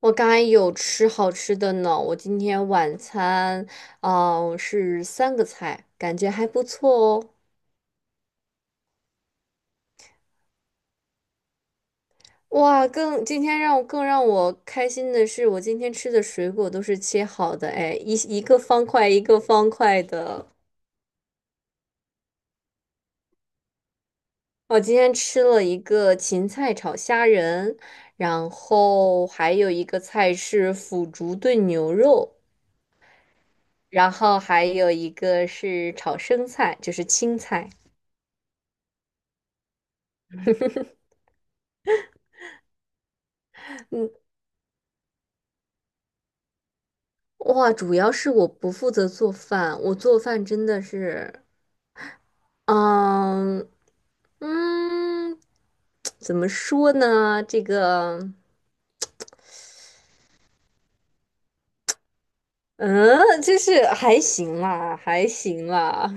我刚才有吃好吃的呢，我今天晚餐，哦，是三个菜，感觉还不错哦。哇，更今天让我更让我开心的是，我今天吃的水果都是切好的，哎，一个方块一个方块的。我今天吃了一个芹菜炒虾仁，然后还有一个菜是腐竹炖牛肉，然后还有一个是炒生菜，就是青菜。哇，主要是我不负责做饭，我做饭真的是，嗯嗯，怎么说呢？这个，嗯，就是还行啦，还行啦，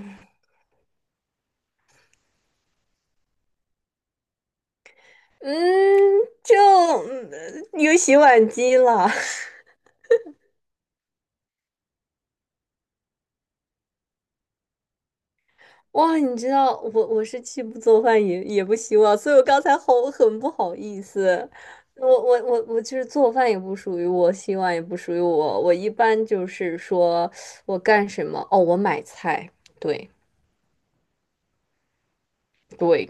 嗯，就有洗碗机了。哇，你知道我是既不做饭也不洗碗，所以我刚才好很不好意思。我就是做饭也不属于我，洗碗也不属于我。我一般就是说我干什么哦，我买菜，对对，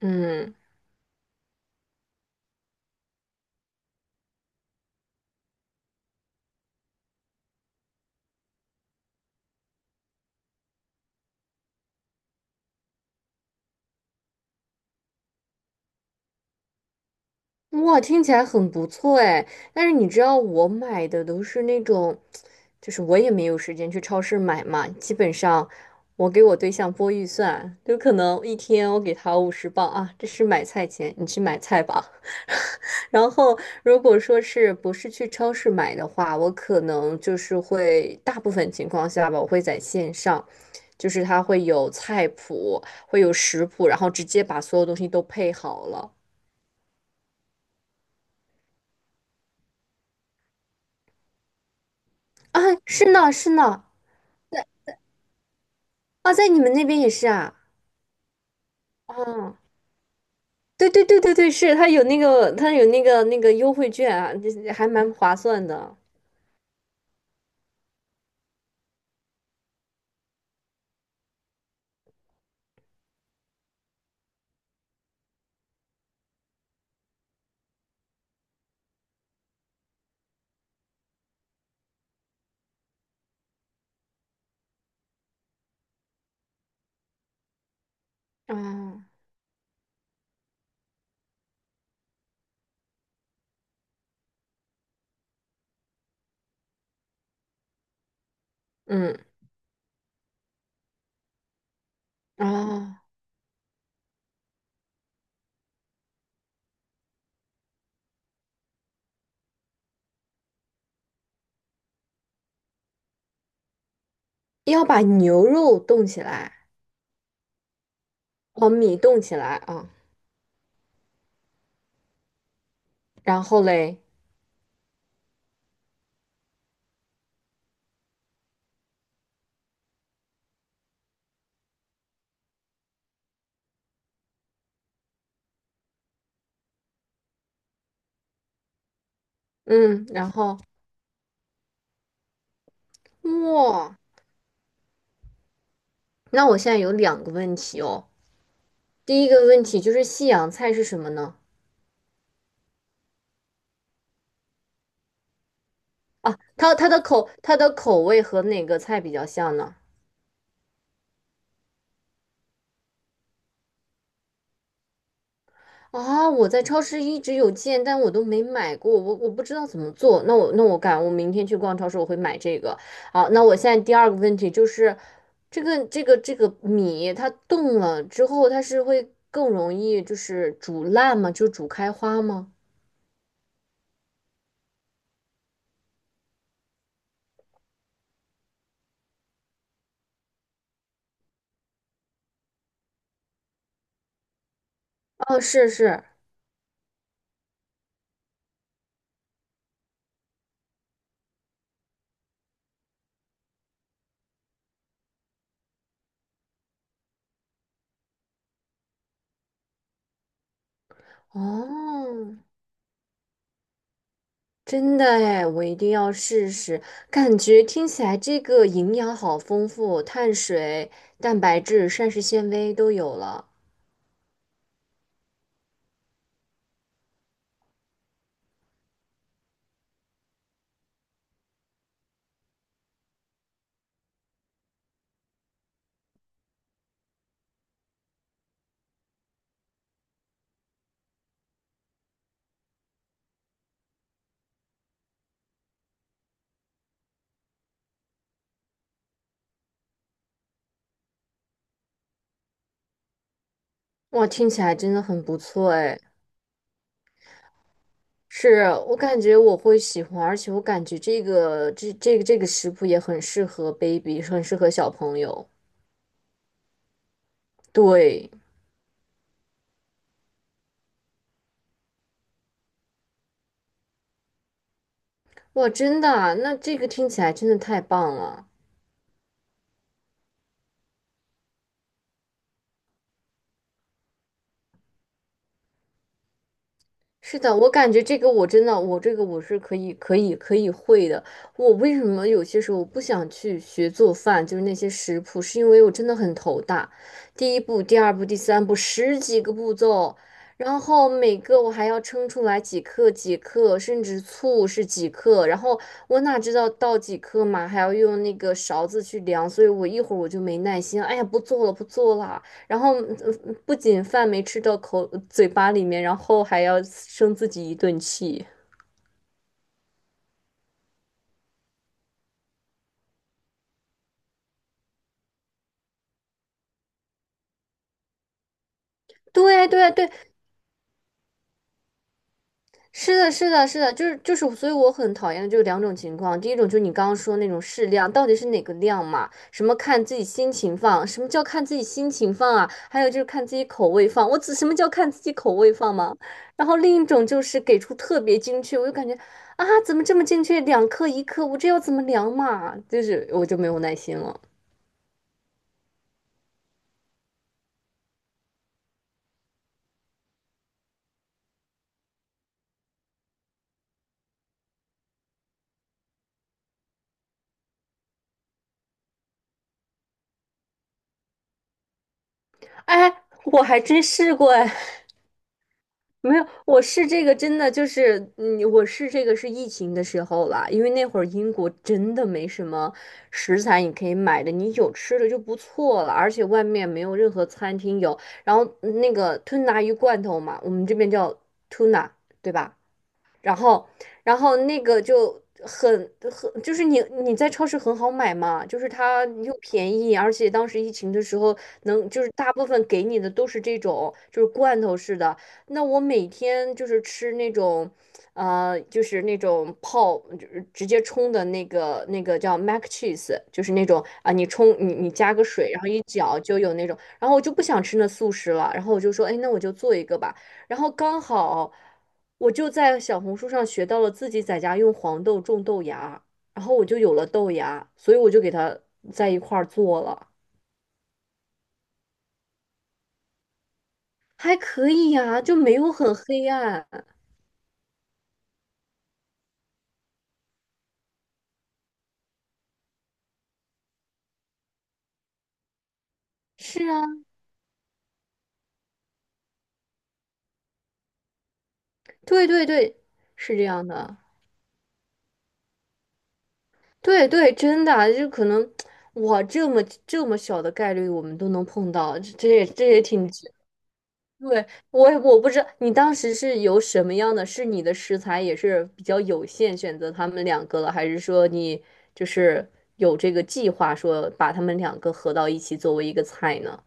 嗯。哇，听起来很不错哎，但是你知道我买的都是那种，就是我也没有时间去超市买嘛，基本上我给我对象拨预算，就可能一天我给他50磅啊，这是买菜钱，你去买菜吧。然后如果说是不是去超市买的话，我可能就是会大部分情况下吧，我会在线上，就是它会有菜谱，会有食谱，然后直接把所有东西都配好了。啊，是呢，是呢，啊，在你们那边也是啊？哦，对对对对对，是，它有那个，优惠券啊，这还蛮划算的。啊，嗯，哦，要把牛肉冻起来，哦，米冻起来啊，然后嘞，嗯，然后哇，那我现在有两个问题哦。第一个问题就是西洋菜是什么呢？它的口味和哪个菜比较像呢？啊，我在超市一直有见，但我都没买过，我不知道怎么做。那我改，我明天去逛超市，我会买这个。好，那我现在第二个问题就是，这个米它冻了之后，它是会更容易就是煮烂吗？就煮开花吗？哦，是是，哦，真的哎，我一定要试试。感觉听起来这个营养好丰富，碳水、蛋白质、膳食纤维都有了。哇，听起来真的很不错哎！是我感觉我会喜欢，而且我感觉这个这个食谱也很适合 baby，很适合小朋友。对，哇，真的啊那这个听起来真的太棒了。是的，我感觉这个我真的，我这个我是可以会的。我为什么有些时候我不想去学做饭，就是那些食谱，是因为我真的很头大。第一步、第二步、第三步，十几个步骤，然后每个我还要称出来几克几克，甚至醋是几克，然后我哪知道倒几克嘛，还要用那个勺子去量，所以我一会儿我就没耐心，哎呀，不做了，不做了。然后不仅饭没吃到口嘴巴里面，然后还要生自己一顿气。对对对，是的，是的，是的，就是，所以我很讨厌的就是两种情况。第一种就是你刚刚说那种适量，到底是哪个量嘛？什么看自己心情放？什么叫看自己心情放啊？还有就是看自己口味放。我只什么叫看自己口味放吗？然后另一种就是给出特别精确，我就感觉啊，怎么这么精确？两克一克，我这要怎么量嘛？就是我就没有耐心了。哎，我还真试过哎，没有，我试这个是疫情的时候啦，因为那会儿英国真的没什么食材你可以买的，你有吃的就不错了，而且外面没有任何餐厅有。然后那个吞拿鱼罐头嘛，我们这边叫 tuna，对吧？然后，然后那个就很，就是你在超市很好买嘛，就是它又便宜，而且当时疫情的时候能就是大部分给你的都是这种就是罐头式的。那我每天就是吃那种，就是那种泡就是直接冲的那个叫 mac cheese，就是那种啊，你冲你你加个水，然后一搅就有那种。然后我就不想吃那速食了，然后我就说，哎，那我就做一个吧。然后刚好。我就在小红书上学到了自己在家用黄豆种豆芽，然后我就有了豆芽，所以我就给它在一块儿做了，还可以呀、就没有很黑暗。是啊，对对对，是这样的，对对，真的啊，就可能 哇，这么这么小的概率我们都能碰到，这也挺对，我不知道你当时是有什么样的，是你的食材也是比较有限，选择他们两个了，还是说你就是有这个计划说把他们两个合到一起作为一个菜呢？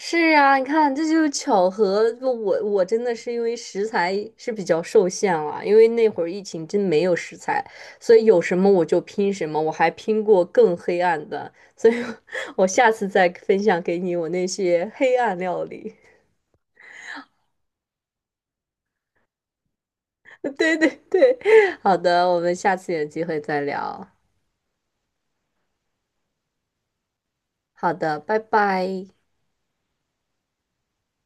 是啊，你看这就是巧合。不我真的是因为食材是比较受限了，因为那会儿疫情真没有食材，所以有什么我就拼什么，我还拼过更黑暗的，所以 我下次再分享给你我那些黑暗料理。对对对，好的，我们下次有机会再聊。好的，拜拜。